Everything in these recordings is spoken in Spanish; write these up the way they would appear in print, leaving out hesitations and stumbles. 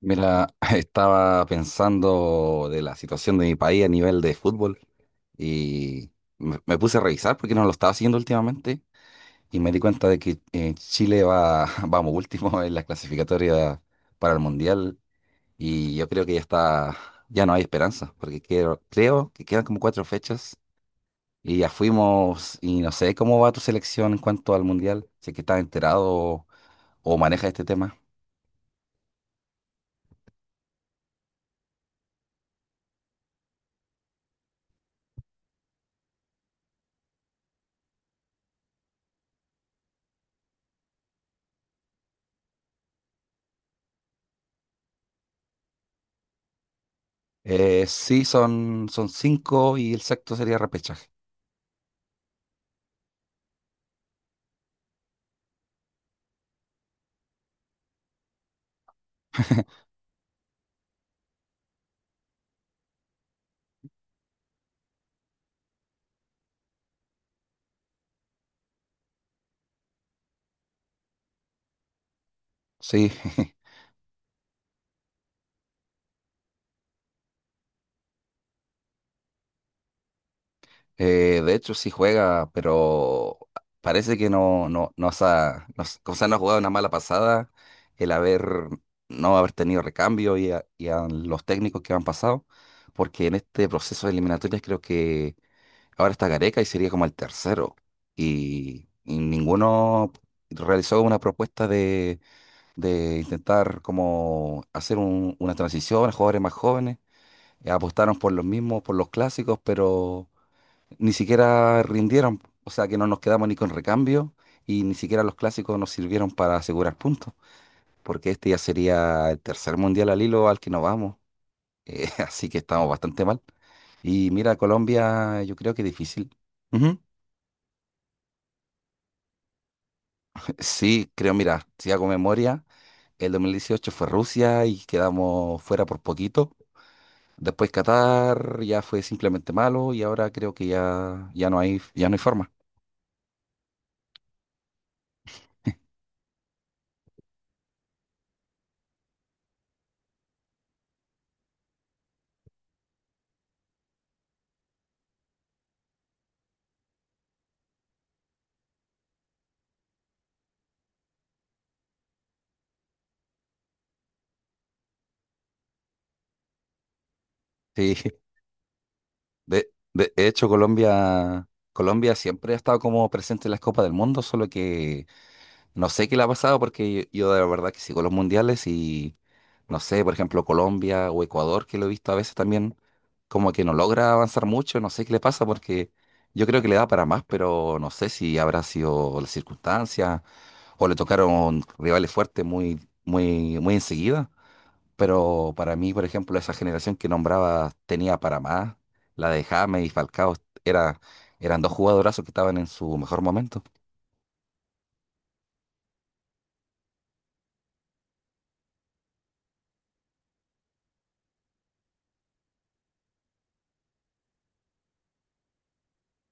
Mira, estaba pensando de la situación de mi país a nivel de fútbol y me puse a revisar porque no lo estaba siguiendo últimamente y me di cuenta de que Chile va, vamos, último en la clasificatoria para el Mundial. Y yo creo que ya está, ya no hay esperanza porque creo que quedan como cuatro fechas y ya fuimos. Y no sé cómo va tu selección en cuanto al Mundial, si es que estás enterado o manejas este tema. Sí, son cinco y el sexto sería repechaje. Sí, de hecho sí juega, pero parece que no, no, no, se ha, no, se- o sea, no ha jugado una mala pasada el haber, no haber tenido recambio y y a los técnicos que han pasado, porque en este proceso de eliminatorias creo que ahora está Gareca y sería como el tercero, y ninguno realizó una propuesta de intentar como hacer una transición a jugadores más jóvenes. Apostaron por los mismos, por los clásicos, pero ni siquiera rindieron. O sea que no nos quedamos ni con recambio y ni siquiera los clásicos nos sirvieron para asegurar puntos, porque este ya sería el tercer mundial al hilo al que nos vamos. Así que estamos bastante mal. Y mira, Colombia, yo creo que es difícil. Ujú. Sí, creo, mira, si hago memoria, el 2018 fue Rusia y quedamos fuera por poquito. Después Qatar ya fue simplemente malo y ahora creo que ya, ya no hay forma. Sí, de hecho Colombia, Colombia siempre ha estado como presente en las Copas del Mundo, solo que no sé qué le ha pasado porque yo de la verdad que sigo los mundiales y no sé, por ejemplo, Colombia o Ecuador, que lo he visto a veces también, como que no logra avanzar mucho, no sé qué le pasa porque yo creo que le da para más, pero no sé si habrá sido la circunstancia o le tocaron rivales fuertes muy enseguida. Pero para mí, por ejemplo, esa generación que nombraba tenía para más. La de James y Falcao era, eran dos jugadorazos que estaban en su mejor momento.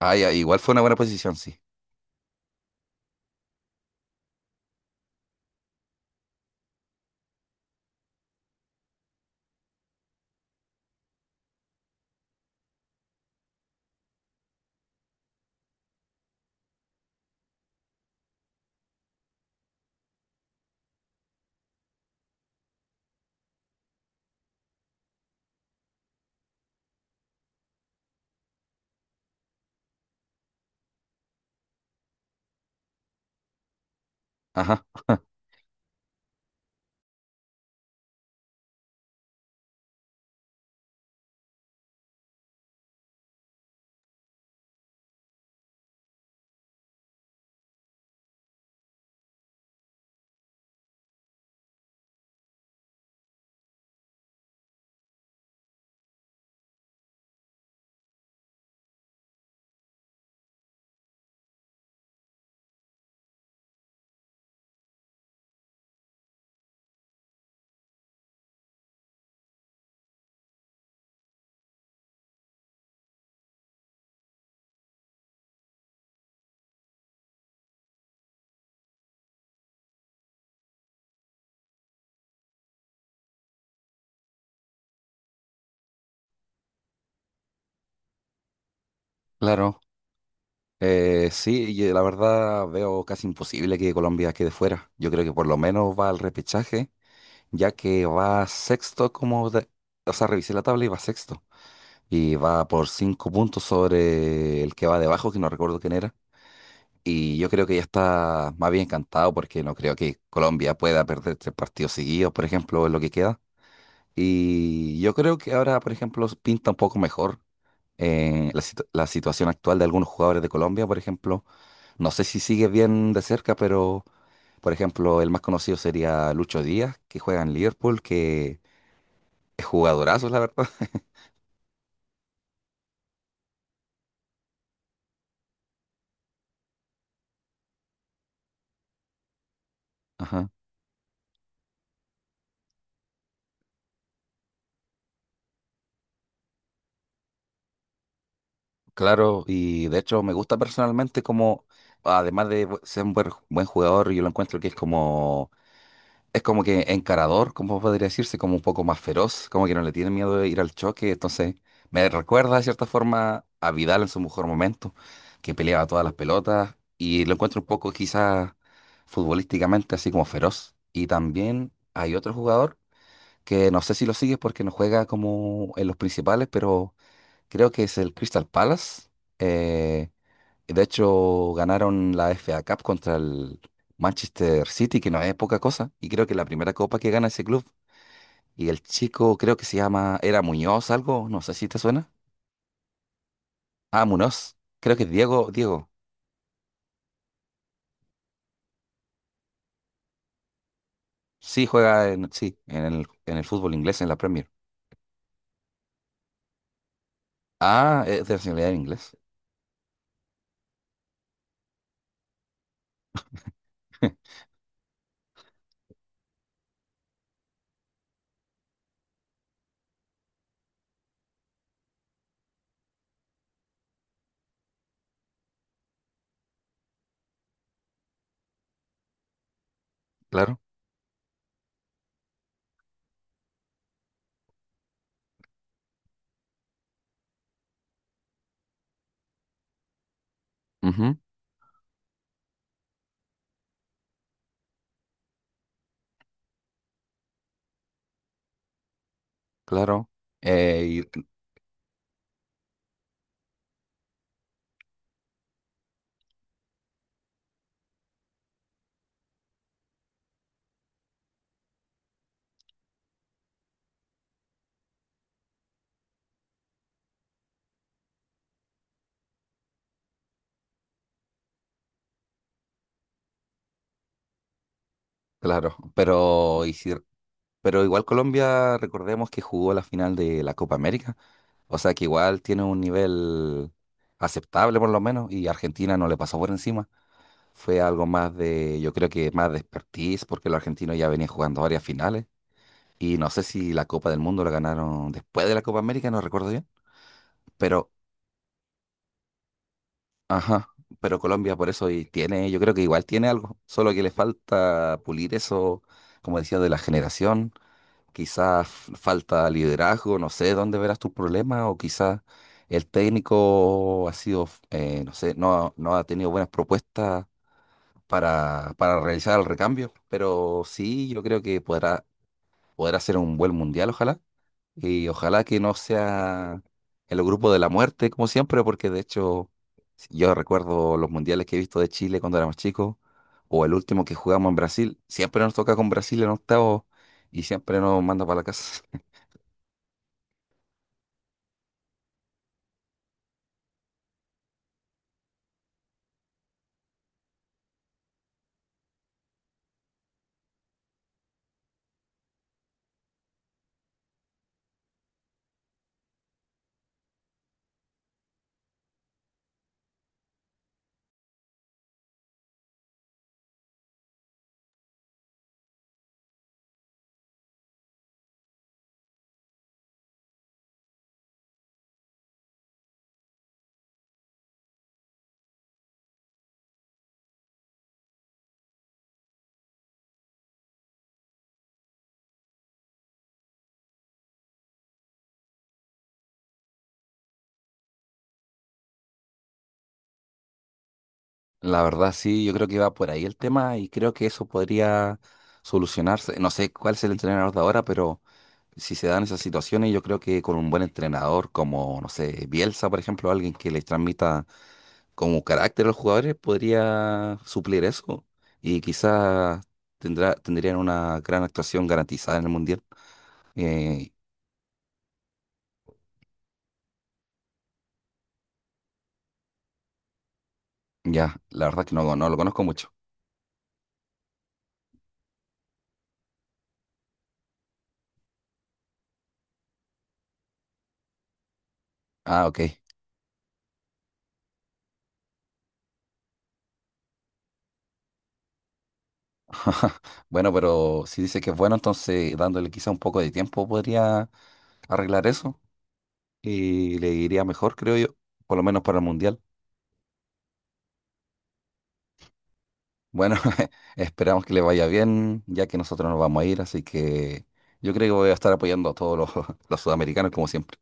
Ah, ya, igual fue una buena posición, sí. Ajá, claro. Sí, y la verdad veo casi imposible que Colombia quede fuera. Yo creo que por lo menos va al repechaje, ya que va sexto o sea, revisé la tabla y va sexto. Y va por cinco puntos sobre el que va debajo, que no recuerdo quién era. Y yo creo que ya está más bien encantado porque no creo que Colombia pueda perder tres partidos seguidos, por ejemplo, en lo que queda. Y yo creo que ahora, por ejemplo, pinta un poco mejor la situación actual de algunos jugadores de Colombia, por ejemplo. No sé si sigue bien de cerca, pero, por ejemplo, el más conocido sería Lucho Díaz, que juega en Liverpool, que es jugadorazo, la verdad. Ajá. Claro, y de hecho me gusta personalmente como, además de ser un buen jugador, yo lo encuentro que es como que encarador, como podría decirse, como un poco más feroz, como que no le tiene miedo de ir al choque, entonces me recuerda de cierta forma a Vidal en su mejor momento, que peleaba todas las pelotas, y lo encuentro un poco quizás futbolísticamente así como feroz. Y también hay otro jugador que no sé si lo sigues porque no juega como en los principales, pero creo que es el Crystal Palace. eh, de hecho, ganaron la FA Cup contra el Manchester City, que no es poca cosa. Y creo que es la primera copa que gana ese club. Y el chico creo que se llama, era Muñoz algo, no sé si te suena. Ah, Muñoz. Creo que es Diego, Diego. Sí, juega en, sí, en el fútbol inglés, en la Premier. Ah, es de nacionalidad inglés. Claro. Ujú, claro. eh, y- claro. Pero, ¿y si... Pero igual Colombia, recordemos que jugó la final de la Copa América, o sea que igual tiene un nivel aceptable por lo menos, y Argentina no le pasó por encima. Fue algo más de, yo creo que más de expertise, porque los argentinos ya venían jugando varias finales, y no sé si la Copa del Mundo la ganaron después de la Copa América, no recuerdo bien, pero, ajá, pero Colombia por eso y tiene, yo creo que igual tiene algo, solo que le falta pulir eso, como decía, de la generación quizás falta liderazgo, no sé dónde verás tus problemas, o quizás el técnico ha sido, no sé, no, no ha tenido buenas propuestas para realizar el recambio, pero sí, yo creo que podrá, podrá ser un buen mundial, ojalá, y ojalá que no sea el grupo de la muerte, como siempre, porque de hecho si, yo recuerdo los mundiales que he visto de Chile cuando éramos chicos, o el último que jugamos en Brasil, siempre nos toca con Brasil en octavo y siempre nos manda para la casa. La verdad, sí, yo creo que va por ahí el tema y creo que eso podría solucionarse. No sé cuál es el entrenador de ahora, pero si se dan esas situaciones, yo creo que con un buen entrenador como, no sé, Bielsa, por ejemplo, alguien que les transmita como carácter a los jugadores, podría suplir eso y quizás tendrá, tendrían una gran actuación garantizada en el Mundial. Eh, ya, la verdad que no lo conozco mucho. Ah, ok. Bueno, pero si dice que es bueno, entonces dándole quizá un poco de tiempo podría arreglar eso y le iría mejor, creo yo, por lo menos para el Mundial. Bueno, esperamos que le vaya bien, ya que nosotros nos vamos a ir, así que yo creo que voy a estar apoyando a todos los, los sudamericanos como siempre.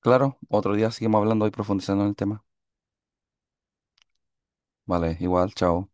Claro, otro día seguimos hablando y profundizando en el tema. Vale, igual, chao.